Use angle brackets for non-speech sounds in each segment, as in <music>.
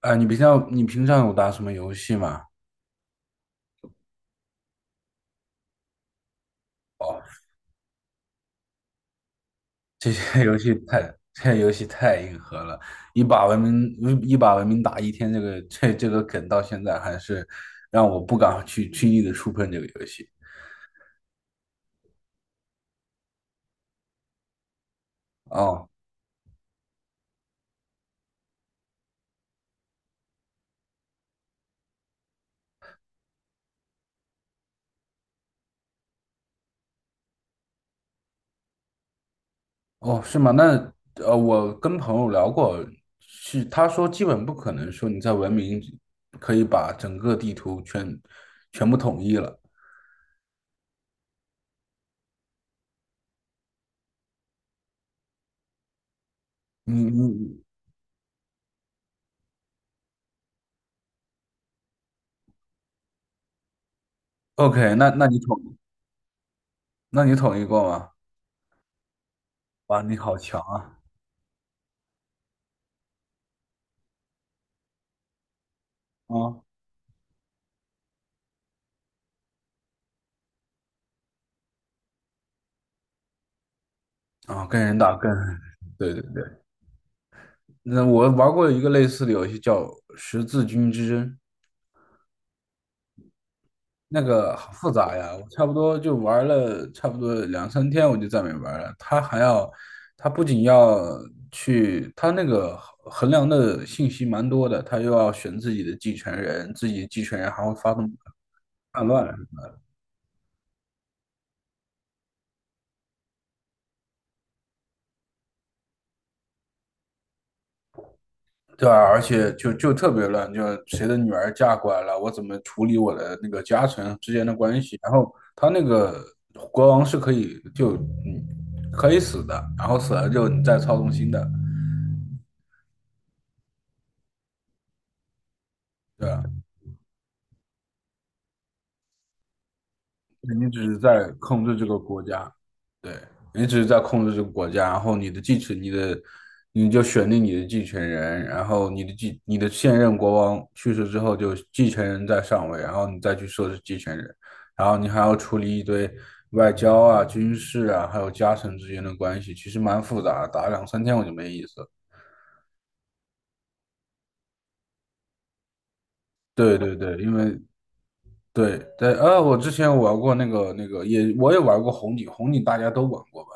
你平常有打什么游戏吗？哦，这些 <laughs> 游戏太这些游戏太硬核了。一把文明打一天，这个这个梗到现在还是让我不敢去轻易的触碰这个游戏。哦哦，是吗？那我跟朋友聊过，是他说基本不可能说你在文明可以把整个地图全部统一了。你你 OK?那那那你统一过吗？哇，你好强啊！啊、啊，跟人打跟，对对对。那我玩过一个类似的游戏叫《十字军之争》，那个好复杂呀，我差不多两三天，我就再没玩了。他还要，他不仅要去，他那个衡量的信息蛮多的，他又要选自己的继承人，自己继承人还会发动叛乱。对啊，而且就特别乱，就谁的女儿嫁过来了，我怎么处理我的那个家臣之间的关系？然后他那个国王是嗯可以死的，然后死了之后你再操纵新的，对吧？你只是在控制这个国家，对，你只是在控制这个国家，然后你就选定你的继承人，然后你的现任国王去世之后，就继承人在上位，然后你再去设置继承人，然后你还要处理一堆外交啊、军事啊，还有家臣之间的关系，其实蛮复杂的，打两三天我就没意思了。对对对，因为对对，我之前玩过那个那个也，我也玩过红警，红警大家都玩过吧？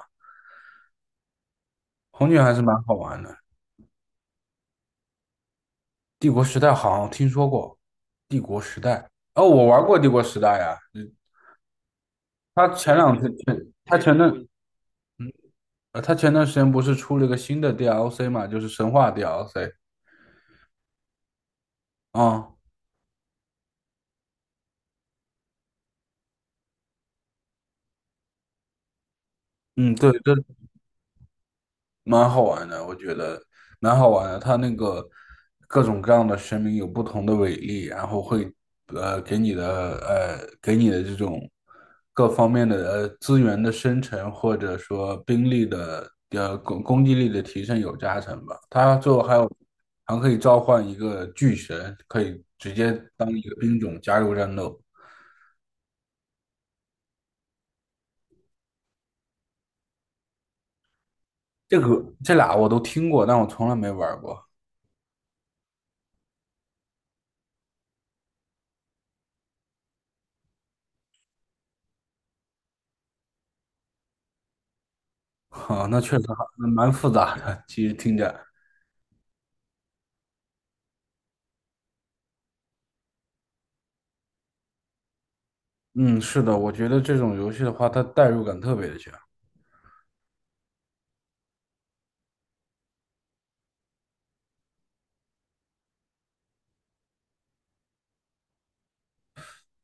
红警还是蛮好玩的。帝国时代好像听说过。帝国时代哦，我玩过帝国时代呀。嗯他前两天，他前它前段它前段时间不是出了一个新的 DLC 嘛，就是神话 DLC。啊，嗯，对，这蛮好玩的，我觉得蛮好玩的。它那个各种各样的神明有不同的伟力，然后会呃给你的给你的这种各方面的资源的生成，或者说兵力的攻击力的提升有加成吧。它最后还有还可以召唤一个巨神，可以直接当一个兵种加入战斗。这个这俩我都听过，但我从来没玩过。<laughs> 那确实还蛮复杂的，其实听着。嗯，是的，我觉得这种游戏的话，它代入感特别的强。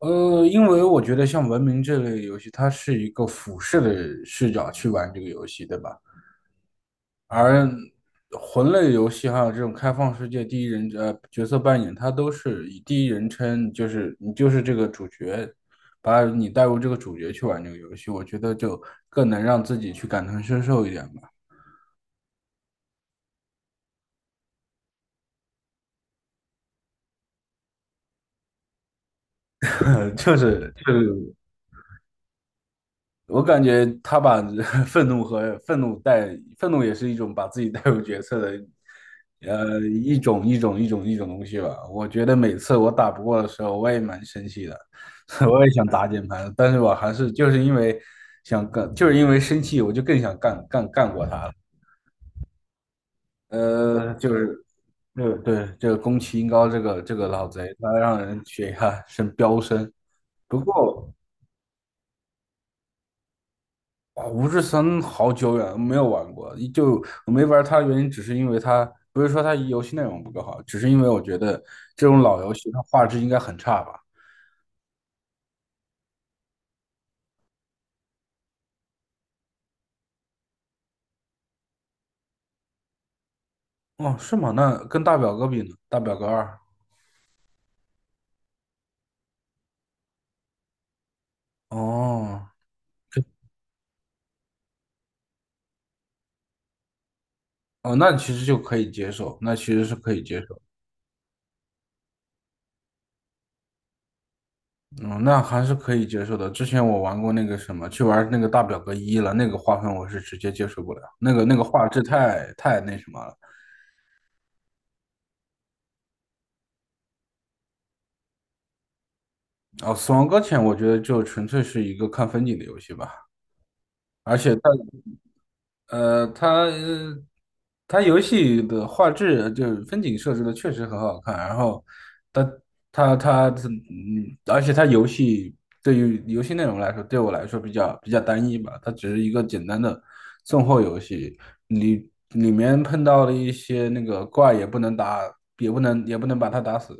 因为我觉得像文明这类游戏，它是一个俯视的视角去玩这个游戏，对吧？而魂类游戏还有这种开放世界第一人呃角色扮演，它都是以第一人称，就是你就是这个主角，把你带入这个主角去玩这个游戏，我觉得就更能让自己去感同身受一点吧。<laughs> 就是就是我感觉他把 <laughs> 愤怒和愤怒带，愤怒也是一种把自己带入角色的，一种东西吧。我觉得每次我打不过的时候，我也蛮生气的，<laughs> 我也想打键盘，但是我还是因为想干，就是因为生气，我就更想干干干过他了。呃，就是，对对，这个宫崎英高这个老贼，他让人血压飙升。不过，啊，五指神好久远没有玩过，就我没玩它的原因，只是因为它不是说它游戏内容不够好，只是因为我觉得这种老游戏它画质应该很差吧？哦，是吗？那跟大表哥比呢？大表哥二。哦，哦，那其实就可以接受，那其实是可以接受。嗯，那还是可以接受的。之前我玩过那个什么，去玩那个大表哥一了，那个画风我是直接接受不了，那个那个画质那什么了。哦，死亡搁浅我觉得就纯粹是一个看风景的游戏吧。而且它呃，它呃它游戏的画质就是风景设置的确实很好看，然后它它而且它游戏对于游戏内容来说，对我来说比较单一吧，它只是一个简单的送货游戏，里里面碰到了一些那个怪也不能打，也不能把它打死，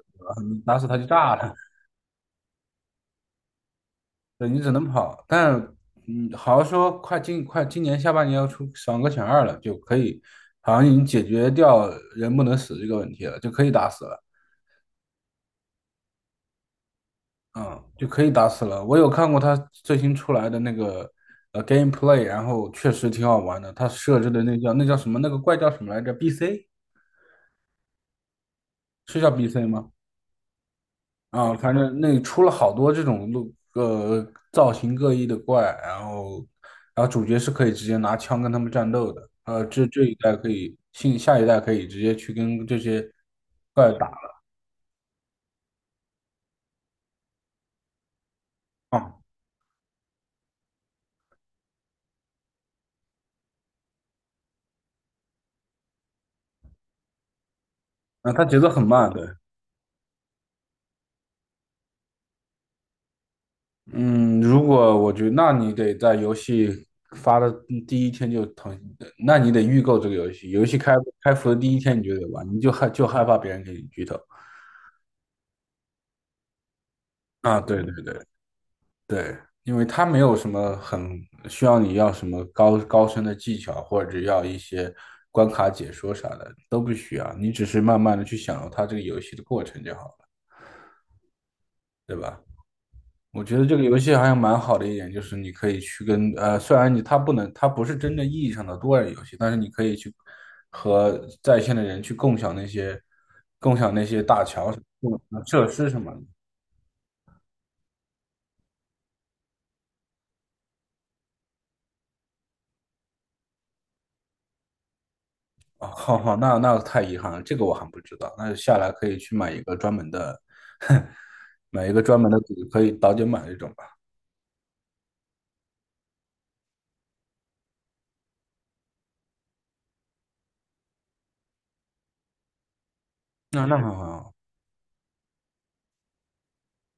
打死它就炸了。对，你只能跑，但好像说快今年下半年要出爽个选二了，就可以，好像已经解决掉人不能死这个问题了，就可以打死了，嗯，就可以打死了。我有看过他最新出来的那个gameplay,然后确实挺好玩的。他设置的那叫什么那个怪叫什么来着？BC 是叫 BC 吗？啊，反正那出了好多这种路，造型各异的怪，然后，然后主角是可以直接拿枪跟他们战斗的，这这一代可以，新下一代可以直接去跟这些怪打啊，那它节奏很慢，对，嗯，如果我觉得，那你得在游戏发的第一天就腾，那你得预购这个游戏，开服的第一天你就得玩，你就害怕别人给你剧透啊，对对对。对，因为它没有什么很需要你要什么高深的技巧，或者要一些关卡解说啥的，都不需要。你只是慢慢的去享受它这个游戏的过程就好了，对吧？我觉得这个游戏好像蛮好的一点，就是你可以去跟虽然你它不能，它不是真正意义上的多人游戏，但是你可以去和在线的人去共享那些设施什么的。哦，好好，那那太遗憾了，这个我还不知道。那下来可以去买一个专门的。<laughs> 买一个专门的组，可以早点买这种吧。那那很好。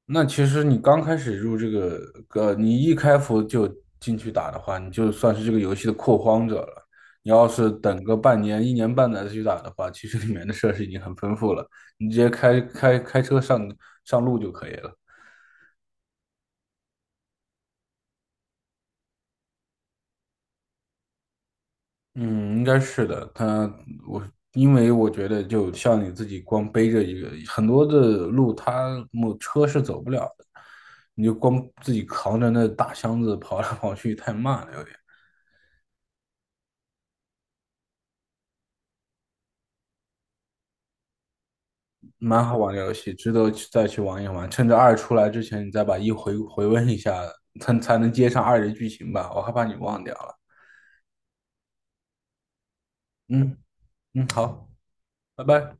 那其实你刚开始入这个，你一开服就进去打的话，你就算是这个游戏的拓荒者了。你要是等个半年、一年半载再去打的话，其实里面的设施已经很丰富了，你直接开车上路就可以了。嗯，应该是的。我因为我觉得，就像你自己光背着一个很多的路，他没车是走不了的，你就光自己扛着那大箱子跑来跑去，太慢了，有点。蛮好玩的游戏，值得再去玩一玩。趁着二出来之前，你再把一回温一下，才能接上二的剧情吧。我害怕你忘掉了。嗯嗯，好，拜拜。